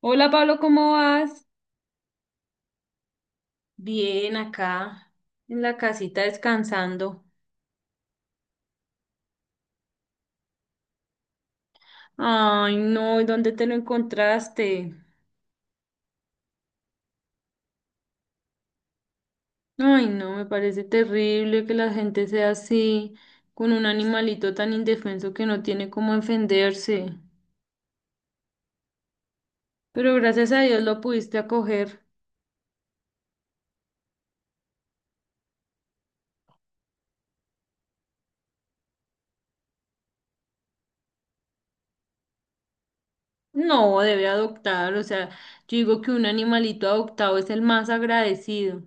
Hola Pablo, ¿cómo vas? Bien, acá en la casita descansando. Ay, no, ¿y dónde te lo encontraste? Ay, no, me parece terrible que la gente sea así, con un animalito tan indefenso que no tiene cómo defenderse. Pero gracias a Dios lo pudiste acoger. No, debe adoptar, o sea, yo digo que un animalito adoptado es el más agradecido,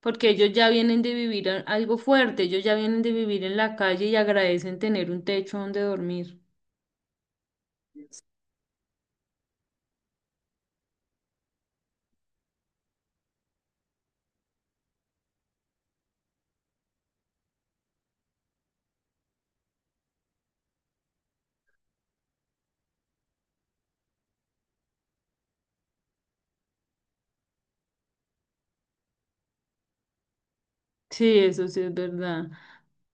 porque ellos ya vienen de vivir algo fuerte, ellos ya vienen de vivir en la calle y agradecen tener un techo donde dormir. Sí, eso sí es verdad.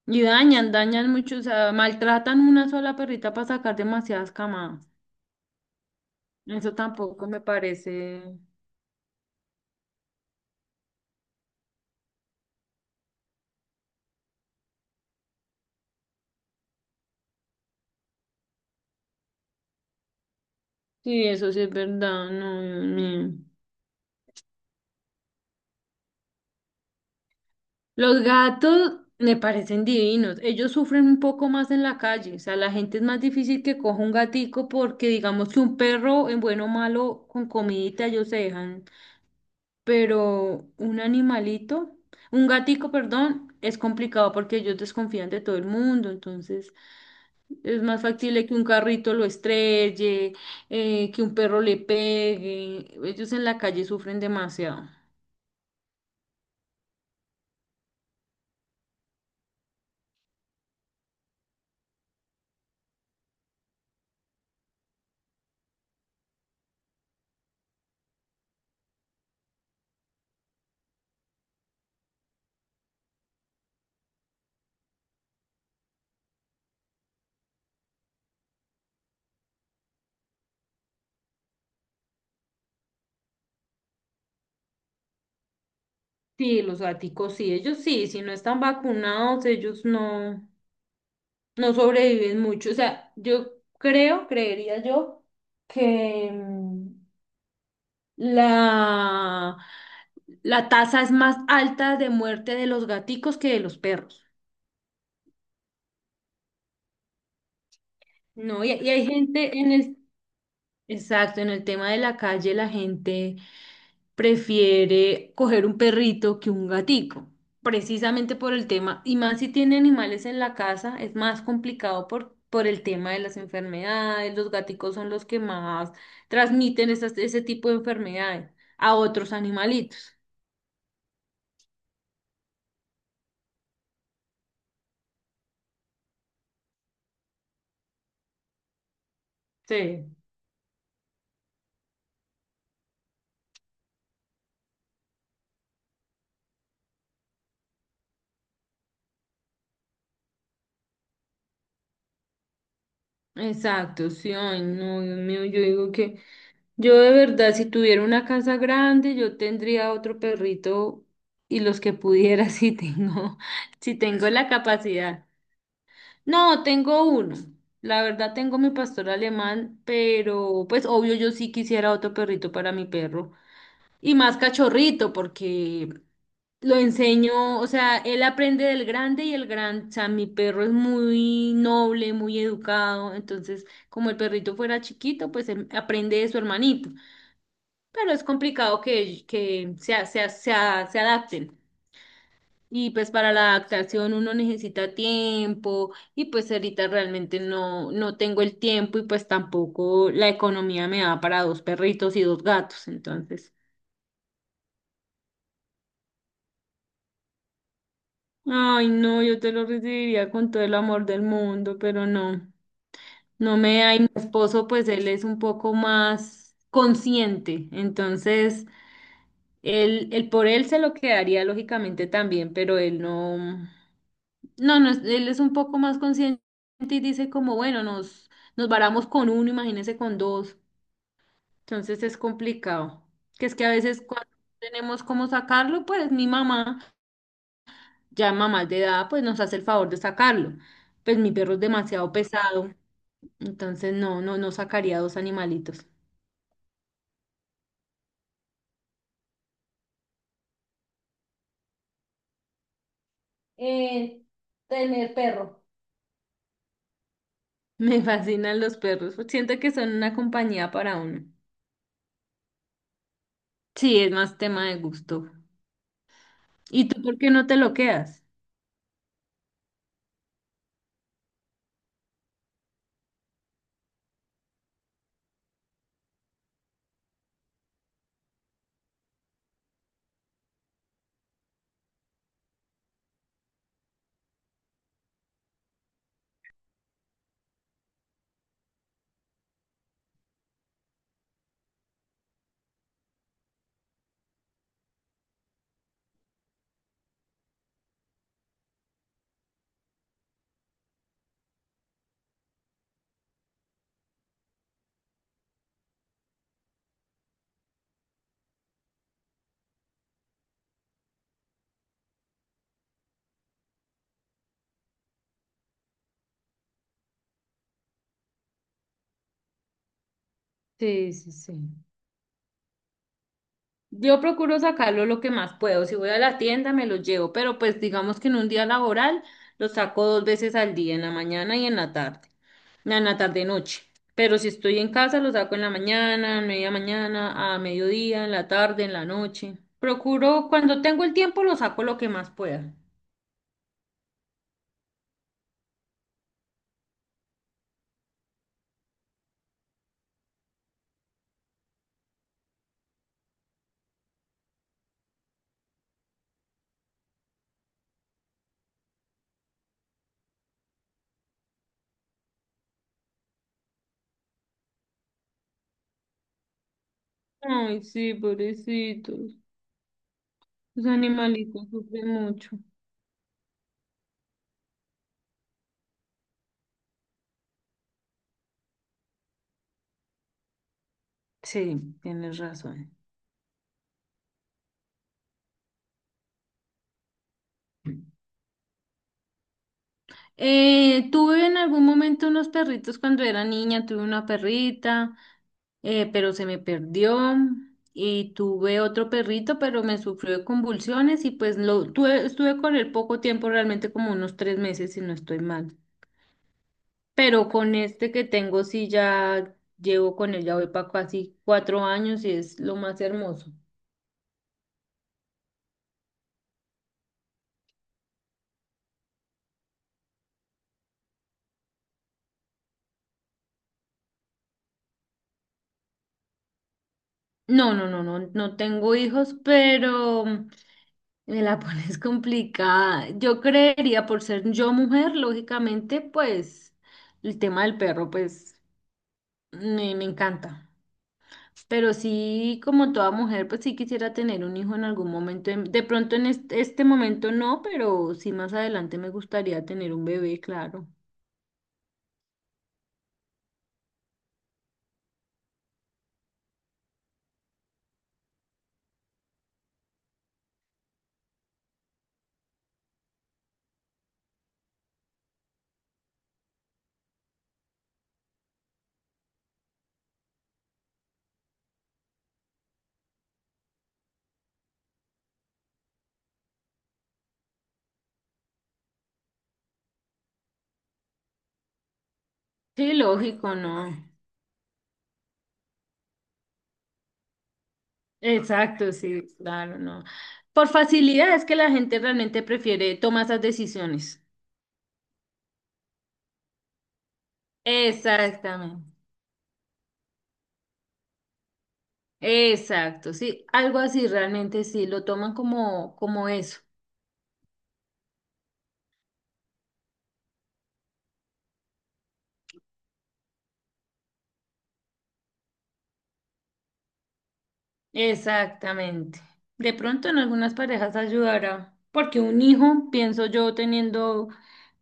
Y dañan mucho, o sea, maltratan una sola perrita para sacar demasiadas camadas. Eso tampoco me parece. Sí, eso sí es verdad, no, Dios mío. Los gatos me parecen divinos. Ellos sufren un poco más en la calle. O sea, la gente es más difícil que coja un gatico porque digamos que un perro en bueno o malo con comidita ellos se dejan, pero un animalito, un gatico, perdón, es complicado porque ellos desconfían de todo el mundo, entonces es más factible que un carrito lo estrelle, que un perro le pegue, ellos en la calle sufren demasiado. Sí, los gaticos sí, ellos sí, si no están vacunados, ellos no, no sobreviven mucho. O sea, yo creo, creería yo, que... mm, la, la tasa es más alta de muerte de los gaticos que de los perros. No, y hay gente en exacto, en el tema de la calle, la gente prefiere coger un perrito que un gatico, precisamente por el tema, y más si tiene animales en la casa, es más complicado por el tema de las enfermedades. Los gaticos son los que más transmiten ese tipo de enfermedades a otros animalitos. Sí. Exacto, sí, ay, no, Dios mío, yo digo que yo de verdad, si tuviera una casa grande, yo tendría otro perrito y los que pudiera, si tengo, si tengo la capacidad. No, tengo uno. La verdad, tengo mi pastor alemán, pero pues obvio, yo sí quisiera otro perrito para mi perro y más cachorrito, porque lo enseño, o sea, él aprende del grande y el gran, o sea, mi perro es muy noble, muy educado, entonces como el perrito fuera chiquito, pues él aprende de su hermanito, pero es complicado que se adapten. Y pues para la adaptación uno necesita tiempo y pues ahorita realmente no, no tengo el tiempo y pues tampoco la economía me da para dos perritos y dos gatos, entonces. Ay, no, yo te lo recibiría con todo el amor del mundo, pero no. No me hay mi esposo, pues él es un poco más consciente, entonces él por él se lo quedaría lógicamente también, pero él no, no, no, él es un poco más consciente y dice como, bueno, nos varamos con uno, imagínese con dos, entonces es complicado, que es que a veces cuando no tenemos cómo sacarlo, pues mi mamá, ya mamá de edad, pues nos hace el favor de sacarlo, pues mi perro es demasiado pesado, entonces no sacaría dos animalitos. eh, tener perro. Me fascinan los perros. Siento que son una compañía para uno. Sí, es más tema de gusto. ¿Y tú por qué no te lo quedas? Sí, sí, sí. Yo procuro sacarlo lo que más puedo. Si voy a la tienda, me lo llevo, pero pues digamos que en un día laboral lo saco dos veces al día, en la mañana y en la tarde noche. Pero si estoy en casa, lo saco en la mañana, media mañana, a mediodía, en la tarde, en la noche. Procuro, cuando tengo el tiempo, lo saco lo que más pueda. Ay, sí, pobrecitos. Los animalitos sufren mucho. Sí, tienes razón. Tuve en algún momento unos perritos cuando era niña, tuve una perrita, pero se me perdió y tuve otro perrito, pero me sufrió de convulsiones y pues lo tuve, estuve con él poco tiempo, realmente como unos tres meses si no estoy mal. Pero con este que tengo sí ya llevo con él, ya voy para casi cuatro años y es lo más hermoso. No, no, no, no, no tengo hijos, pero me la pones complicada. Yo creería, por ser yo mujer, lógicamente, pues el tema del perro, pues me encanta. Pero sí, como toda mujer, pues sí quisiera tener un hijo en algún momento. De pronto en este momento no, pero sí más adelante me gustaría tener un bebé, claro. Sí, lógico, no. Exacto, sí, claro, no. Por facilidad es que la gente realmente prefiere tomar esas decisiones. Exactamente. Exacto, sí, algo así realmente sí, lo toman como, como eso. Exactamente. De pronto en algunas parejas ayudará, porque un hijo, pienso yo, teniendo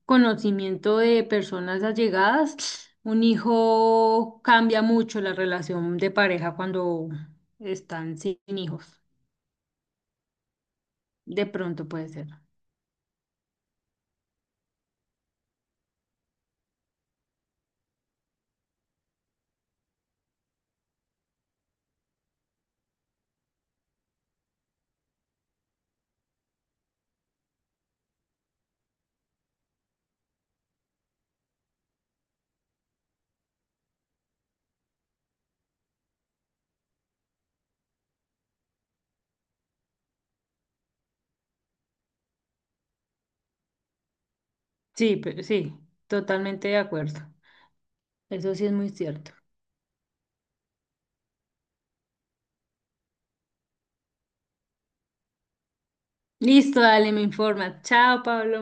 conocimiento de personas allegadas, un hijo cambia mucho la relación de pareja cuando están sin hijos. De pronto puede ser. Sí, pero sí, totalmente de acuerdo. Eso sí es muy cierto. Listo, dale, me informa. Chao, Pablo.